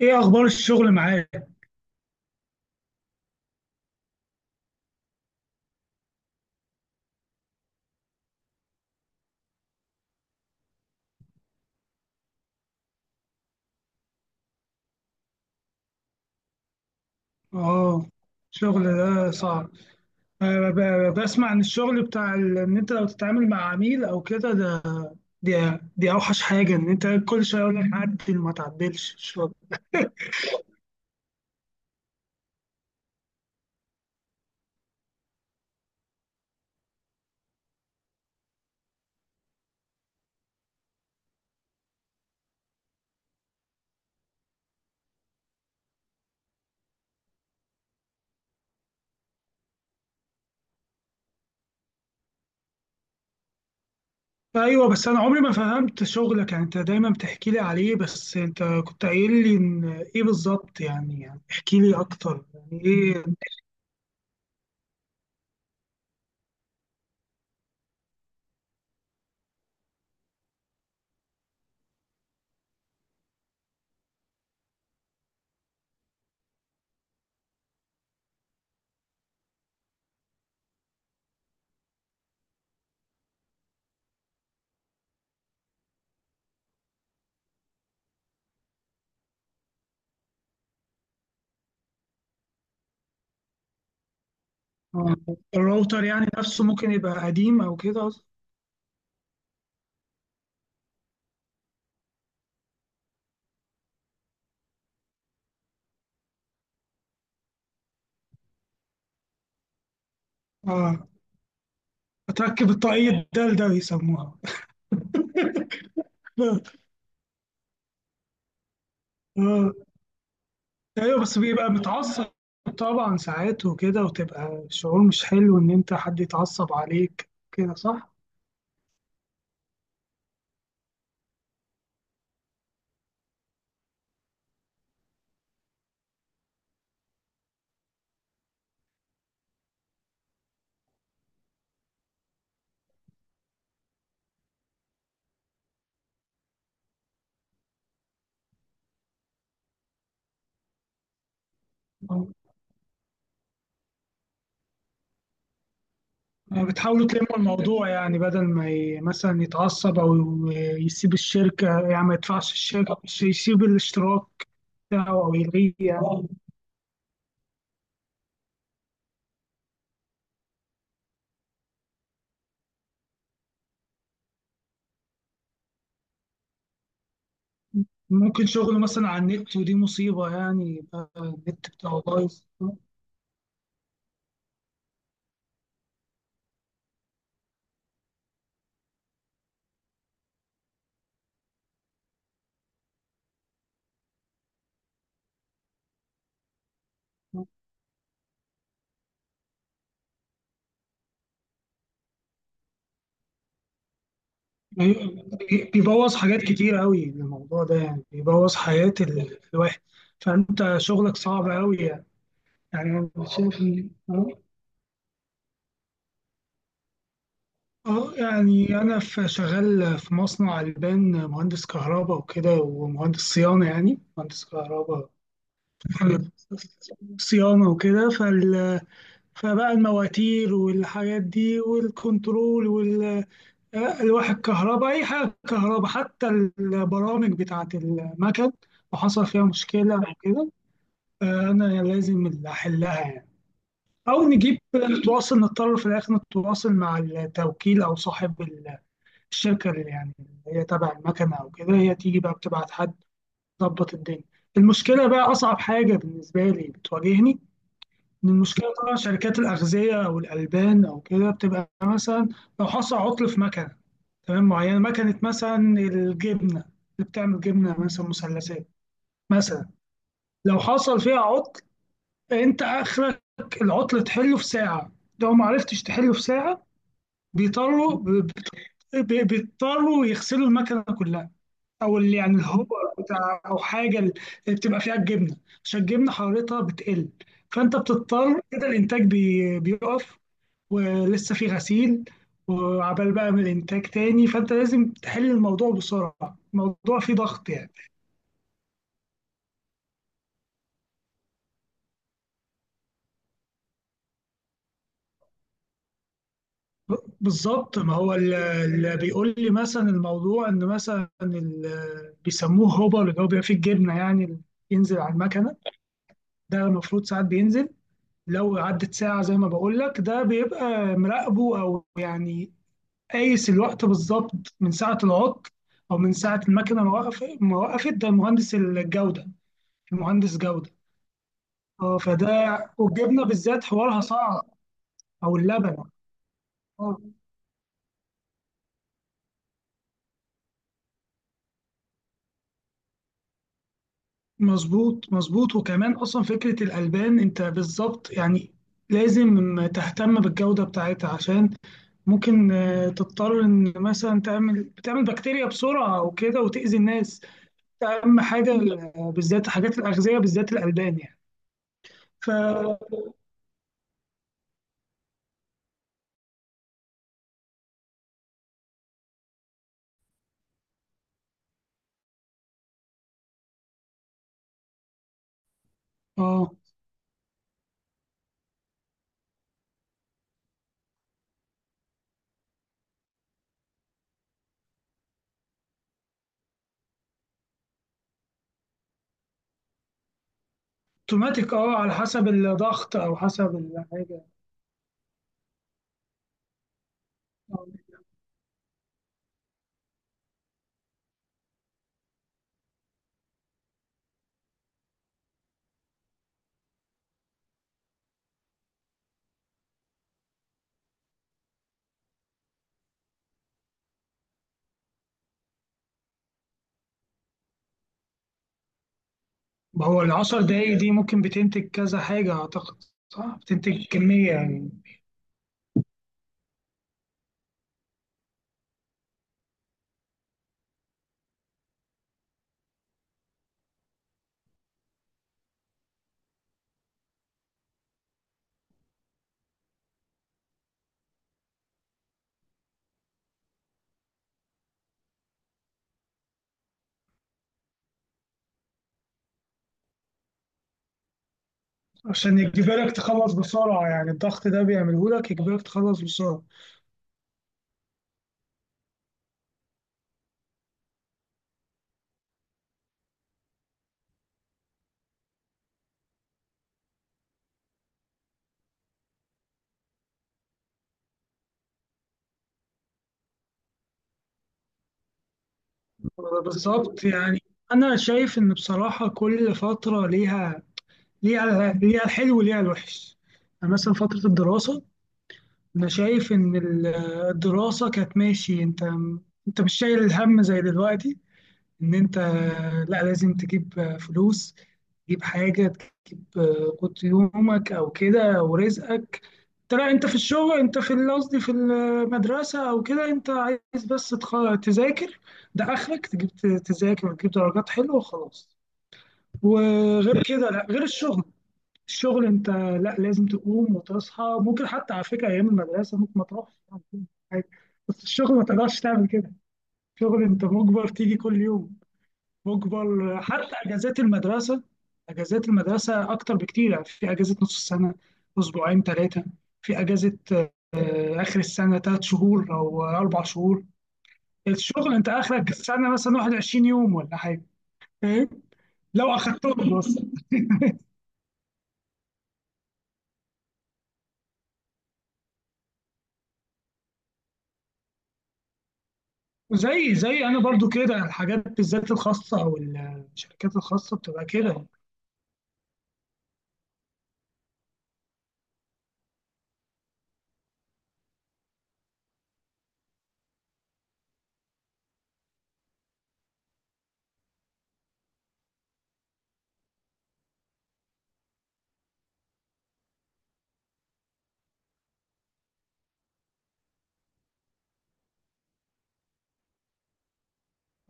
ايه اخبار الشغل معاك؟ اه. الشغل ده صعب. أنا بسمع عن الشغل بتاع ان انت لو تتعامل مع عميل او كده ده. دي اوحش حاجه ان انت كل شويه يقول لك عدل ما تعدلش شغل. ايوه، بس انا عمري ما فهمت شغلك، يعني انت دايما بتحكي لي عليه بس انت كنت قايل لي ان ايه بالظبط يعني احكي لي اكتر يعني ايه. آه، الراوتر يعني نفسه ممكن يبقى قديم او كده. اه. تركب التقييد ده بيسموها. أيوه، بس بيبقى متعصب. طبعًا ساعات وكده، وتبقى شعور مش حلو إن أنت حد يتعصب عليك كده، صح؟ آه، بتحاولوا تلمّوا الموضوع يعني بدل ما مثلًا يتعصب أو يسيب الشركة، يعني ما يدفعش الشركة، مش يسيب الاشتراك بتاعه أو يلغيه يعني. ممكن شغله مثلًا على النت، ودي مصيبة، يعني يبقى النت بتاعه بايظ. أيوة، بيبوظ حاجات كتير قوي الموضوع ده، يعني بيبوظ حياة الواحد. فأنت شغلك صعب قوي يعني. يعني أنا شايف إن يعني أنا في شغال في مصنع ألبان، مهندس كهرباء وكده، ومهندس صيانة، يعني مهندس كهرباء صيانة وكده فبقى المواتير والحاجات دي والكنترول الواحد كهرباء، أي حاجة كهرباء حتى البرامج بتاعة المكن لو حصل فيها مشكلة أو كده، أنا لازم اللي أحلها يعني. أو نجيب نتواصل، نضطر في الآخر نتواصل مع التوكيل أو صاحب الشركة، اللي يعني اللي هي تبع المكنة أو كده، هي تيجي بقى بتبعت حد تظبط الدنيا. المشكلة بقى أصعب حاجة بالنسبة لي بتواجهني إن المشكلة، طبعا شركات الأغذية أو الألبان أو كده بتبقى مثلا لو حصل عطل في مكنة تمام، معينه، مكنه مثلا الجبنه اللي بتعمل جبنه مثلا مثلثات مثلا. لو حصل فيها عطل انت اخرك العطل تحله في ساعه. لو ما عرفتش تحله في ساعه بيضطروا ب- بيضطروا يغسلوا المكنه كلها، او اللي يعني الهوبر بتاع او حاجه اللي بتبقى فيها الجبنه، عشان الجبنه حرارتها بتقل. فانت بتضطر كده الانتاج بيقف ولسه في غسيل وعبال بقى من الانتاج تاني، فانت لازم تحل الموضوع بسرعه، الموضوع فيه ضغط يعني. ب- بالظبط، ما هو اللي بيقول لي مثلا الموضوع ان مثلا بيسموه هوبر اللي هو بيبقى فيه الجبنه يعني اللي ينزل على المكنه، ده المفروض ساعات بينزل. لو عدت ساعه، زي ما بقول لك، ده بيبقى مراقبه او يعني قايس الوقت بالظبط من ساعه العطل او من ساعه المكنه ما وقفت، ده مهندس الجوده، مهندس جوده. اه، فده، والجبنه بالذات حوارها صعب، او اللبن. اه، مظبوط مظبوط. وكمان اصلا فكره الالبان انت بالظبط يعني لازم تهتم بالجوده بتاعتها، عشان ممكن تضطر ان مثلا بتعمل بكتيريا بسرعه او كده وتاذي الناس. ده اهم حاجه، بالذات حاجات الاغذيه بالذات الالبان يعني. ف اه اوتوماتيك، على حسب الضغط او حسب الحاجه. اه. ما هو العشر دقايق دي ممكن بتنتج كذا حاجة أعتقد، صح؟ بتنتج كمية يعني. عشان يجبرك تخلص بسرعة، يعني الضغط ده بيعمله لك يجبرك تخلص بسرعة. بالظبط يعني. أنا شايف إن بصراحة كل فترة ليها الحلو وليها الوحش. يعني مثلا فترة الدراسة، أنا شايف إن الدراسة كانت ماشي. أنت مش شايل الهم زي دلوقتي، ان انت لا لازم تجيب فلوس، تجيب حاجه، تجيب قوت يومك او كده ورزقك. انت لا، انت في الشغل، انت في قصدي في المدرسه او كده، انت عايز بس تذاكر. ده اخرك تجيب تذاكر وتجيب درجات حلوه وخلاص. وغير كده لا، غير الشغل. الشغل انت لا لازم تقوم وتصحى، ممكن حتى على فكره ايام المدرسه ممكن ما تروحش بس الشغل ما تقدرش تعمل كده. الشغل انت مجبر تيجي كل يوم، مجبر. حتى اجازات المدرسه، اجازات المدرسه اكتر بكتير، يعني في اجازه نص السنه اسبوعين ثلاثه، في اجازه اخر السنه ثلاث شهور او اربع شهور. الشغل انت اخرك السنه مثلا 21 يوم ولا حاجه، فاهم، لو اخدتهم بس. وزي انا برضو كده الحاجات بالذات الخاصه او الشركات الخاصه بتبقى كده.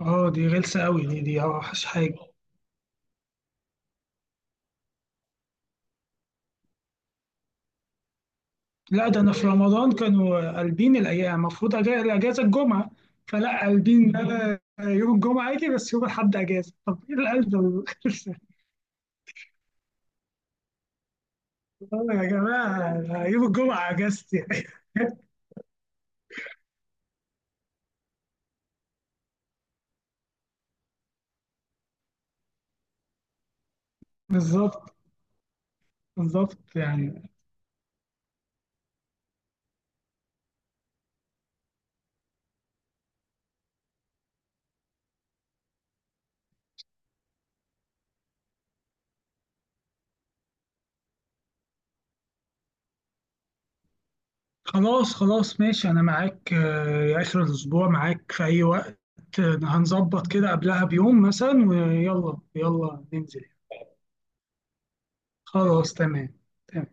اه، دي غلسه قوي، دي اوحش حاجه. لا ده انا في رمضان كانوا قلبين الايام، المفروض الاجازه الجمعه، فلا قلبين، ده أنا يوم الجمعه اجي بس، يوم الاحد اجازه، طب ايه القلب ده؟ آه يا جماعه، أنا يوم الجمعه اجازتي. بالظبط بالظبط يعني. خلاص خلاص ماشي، انا معاك، يا اخر الاسبوع معاك في اي وقت. هنظبط كده قبلها بيوم مثلا ويلا يلا ننزل. خلاص تمام تمام.